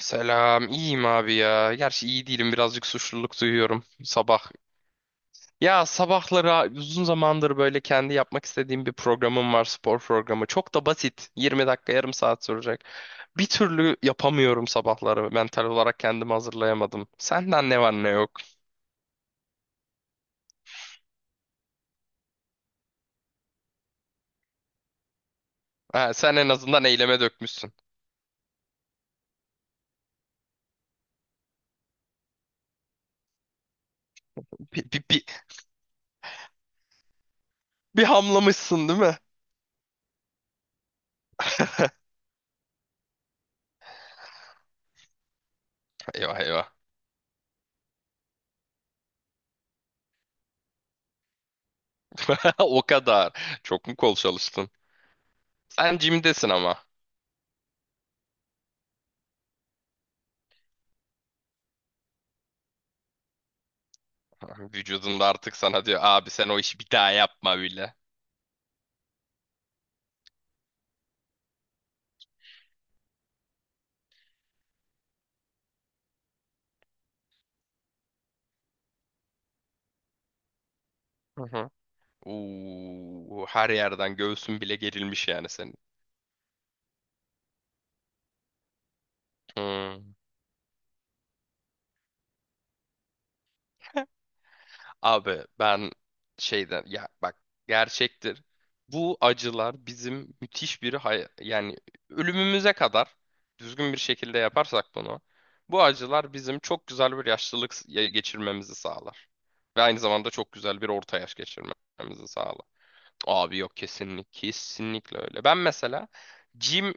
Selam, iyiyim abi ya. Gerçi iyi değilim, birazcık suçluluk duyuyorum sabah. Ya sabahları uzun zamandır böyle kendi yapmak istediğim bir programım var, spor programı. Çok da basit, 20 dakika, yarım saat sürecek. Bir türlü yapamıyorum sabahları, mental olarak kendimi hazırlayamadım. Senden ne var ne yok. Ha, sen en azından eyleme dökmüşsün. Bir, bir, bir, bir hamlamışsın, değil mi? Eyvah, eyvah. O kadar. Çok mu kol çalıştın? Sen jimdesin ama. Vücudunda artık sana diyor, abi sen o işi bir daha yapma bile. Hı hı. Oo, her yerden göğsün bile gerilmiş yani senin. Hmm. Abi ben şeyden ya, bak, gerçektir. Bu acılar bizim müthiş bir yani ölümümüze kadar düzgün bir şekilde yaparsak bunu, bu acılar bizim çok güzel bir yaşlılık geçirmemizi sağlar. Ve aynı zamanda çok güzel bir orta yaş geçirmemizi sağlar. Abi yok, kesinlikle kesinlikle öyle. Ben mesela gym,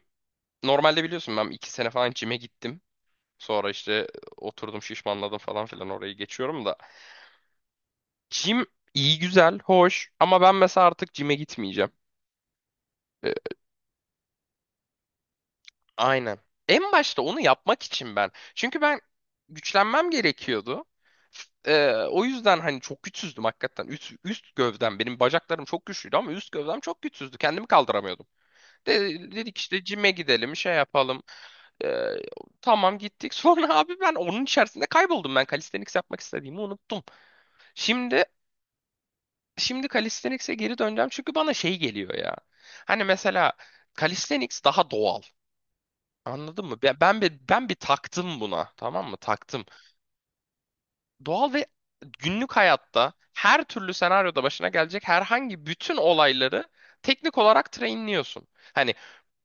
normalde biliyorsun, ben 2 sene falan gym'e gittim. Sonra işte oturdum, şişmanladım falan filan, orayı geçiyorum da. Gym iyi, güzel, hoş ama ben mesela artık gym'e gitmeyeceğim. E, aynen. En başta onu yapmak için ben. Çünkü ben güçlenmem gerekiyordu. E, o yüzden hani çok güçsüzdüm hakikaten. Üst gövdem, benim bacaklarım çok güçlüydü ama üst gövdem çok güçsüzdü. Kendimi kaldıramıyordum. Dedik işte, cime gidelim, şey yapalım. Ee, tamam, gittik. Sonra abi ben onun içerisinde kayboldum. Ben calisthenics yapmak istediğimi unuttum. Şimdi şimdi calisthenics'e geri döneceğim çünkü bana şey geliyor ya. Hani mesela calisthenics daha doğal. Anladın mı? Ben bir taktım buna. Tamam mı? Taktım. Doğal ve günlük hayatta her türlü senaryoda başına gelecek herhangi bütün olayları teknik olarak trainliyorsun. Hani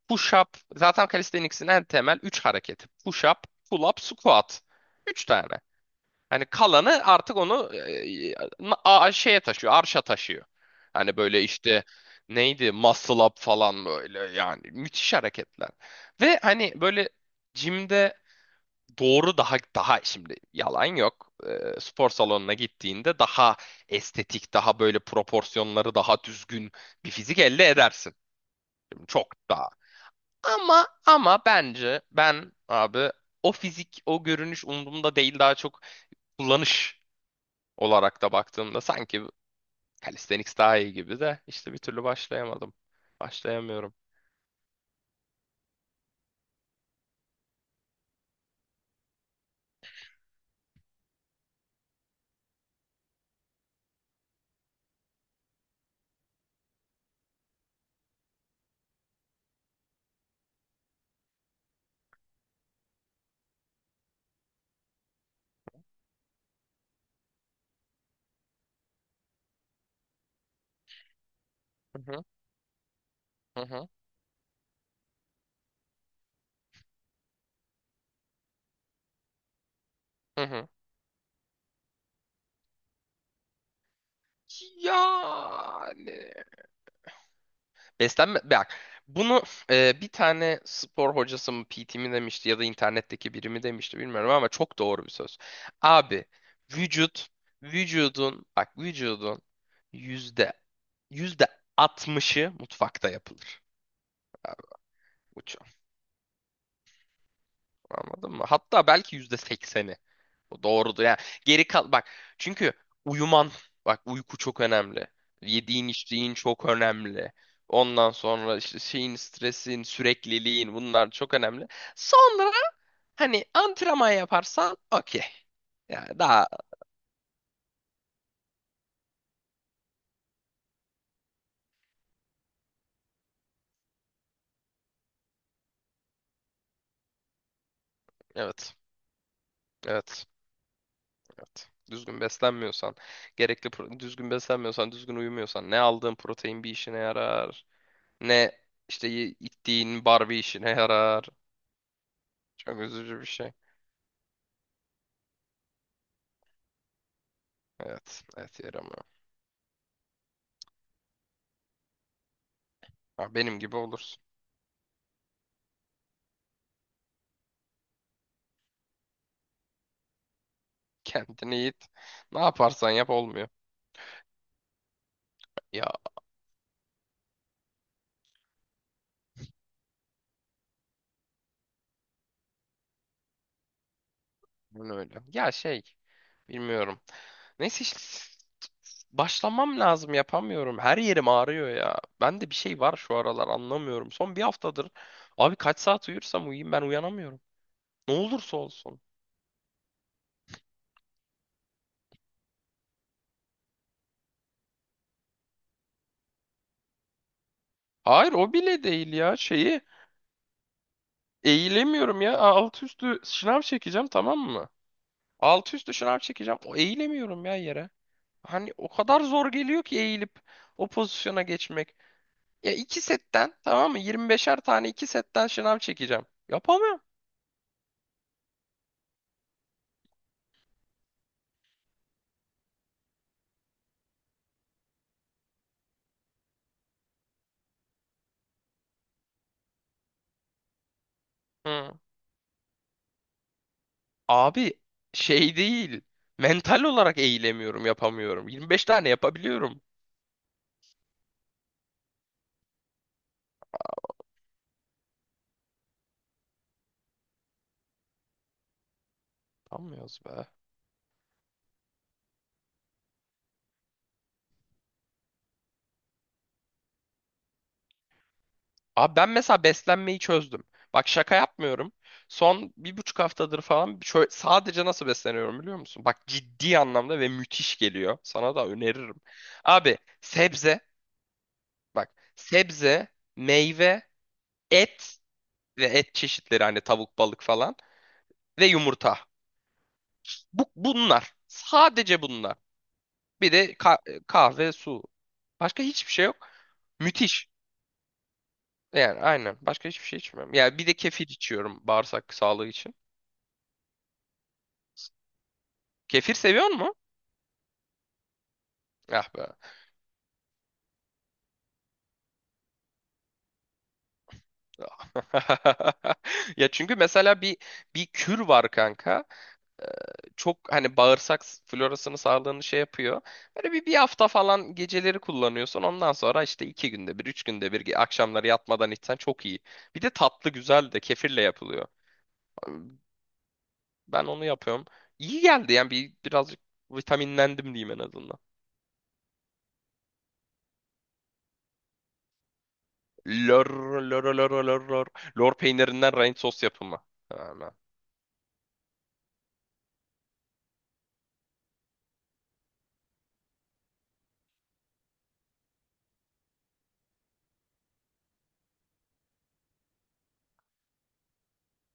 push-up. Zaten calisthenics'in en temel 3 hareketi: push-up, pull-up, squat. 3 tane. Hani kalanı artık onu, şeye taşıyor, arşa taşıyor. Hani böyle işte neydi, muscle up falan, böyle yani müthiş hareketler. Ve hani böyle jimde doğru, daha şimdi, yalan yok. E, spor salonuna gittiğinde daha estetik, daha böyle proporsiyonları daha düzgün bir fizik elde edersin. Şimdi çok daha, ama bence ben abi, o fizik, o görünüş umurumda değil, daha çok kullanış olarak da baktığımda sanki calisthenics daha iyi gibi, de işte bir türlü başlayamadım. Başlayamıyorum. Hı hı, hı hı, hı hı. Yani beslenme, bak, bunu, bir tane spor hocası mı, PT mi demişti, ya da internetteki biri mi demişti bilmiyorum ama çok doğru bir söz. Abi, vücut vücudun, bak, vücudun, yüzde yüzde 60'ı mutfakta yapılır. Abi, bu Anladın mı? Hatta belki %80'i. O doğrudur. Yani geri kal, bak, çünkü uyuman, bak, uyku çok önemli. Yediğin, içtiğin çok önemli. Ondan sonra işte şeyin, stresin, sürekliliğin, bunlar çok önemli. Sonra hani antrenman yaparsan okey. Yani daha, evet. Evet. Evet. Düzgün beslenmiyorsan, gerekli düzgün beslenmiyorsan, düzgün uyumuyorsan, ne aldığın protein bir işine yarar, ne işte içtiğin bar bir işine yarar. Çok üzücü bir şey. Evet. Evet, yaramıyor. Ha, benim gibi olursun. Kendini yiğit. Ne yaparsan yap, olmuyor. Ya, bunu öyle. Ya şey. Bilmiyorum. Neyse işte. Başlamam lazım, yapamıyorum. Her yerim ağrıyor ya. Bende bir şey var şu aralar, anlamıyorum. Son bir haftadır abi, kaç saat uyursam uyuyayım, ben uyanamıyorum. Ne olursa olsun. Hayır, o bile değil ya, şeyi. Eğilemiyorum ya. Alt üstü şınav çekeceğim, tamam mı? Alt üstü şınav çekeceğim. O eğilemiyorum ya yere. Hani o kadar zor geliyor ki eğilip o pozisyona geçmek. Ya iki setten, tamam mı? 25'er tane iki setten şınav çekeceğim. Yapamıyorum. Hı. Abi, şey değil. Mental olarak eğilemiyorum, yapamıyorum. 25 tane yapabiliyorum. Yapamıyoruz be. Abi ben mesela beslenmeyi çözdüm. Bak, şaka yapmıyorum. Son 1,5 haftadır falan şöyle, sadece nasıl besleniyorum biliyor musun? Bak, ciddi anlamda ve müthiş geliyor. Sana da öneririm. Abi, bak, sebze, meyve, et ve et çeşitleri, hani tavuk, balık falan ve yumurta. Bunlar. Sadece bunlar. Bir de kahve, su. Başka hiçbir şey yok. Müthiş. Yani aynen. Başka hiçbir şey içmiyorum. Yani bir de kefir içiyorum bağırsak sağlığı için. Kefir seviyor mu? Ah be. Ya çünkü mesela bir kür var, kanka. Çok hani bağırsak florasını, sağlığını şey yapıyor. Böyle bir hafta falan geceleri kullanıyorsun. Ondan sonra işte iki günde bir, üç günde bir akşamları yatmadan içsen çok iyi. Bir de tatlı güzel de kefirle yapılıyor. Ben onu yapıyorum. İyi geldi yani, birazcık vitaminlendim diyeyim en azından. Lor, lor, lor, lor, lor. Lor peynirinden rain sos yapımı. Hemen.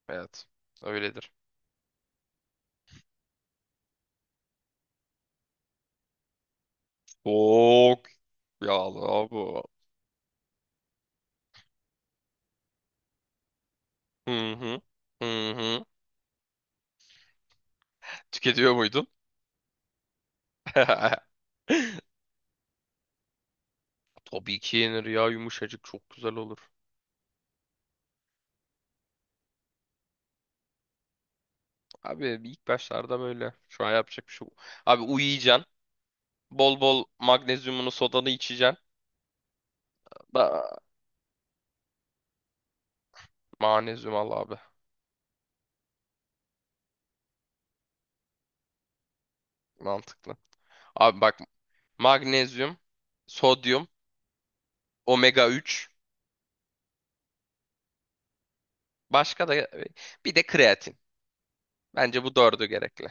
Evet. Öyledir. Çok yağlı bu. Hı hı. Hı hı. Tüketiyor muydun? Tabii ki yenir ya, yumuşacık, çok güzel olur. Abi ilk başlarda böyle. Şu an yapacak bir şey yok. Abi uyuyacaksın. Bol bol magnezyumunu, sodanı içeceksin. Da magnezyum al abi. Mantıklı. Abi bak, magnezyum, sodyum, omega-3. Başka da bir de kreatin. Bence bu dördü gerekli.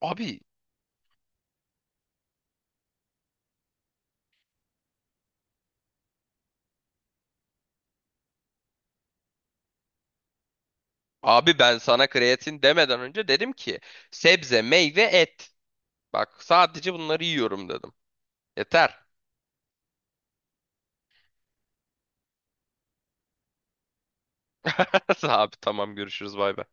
Abi abi, ben sana kreatin demeden önce dedim ki sebze, meyve, et. Bak, sadece bunları yiyorum dedim. Yeter. Abi, tamam, görüşürüz, bay bay.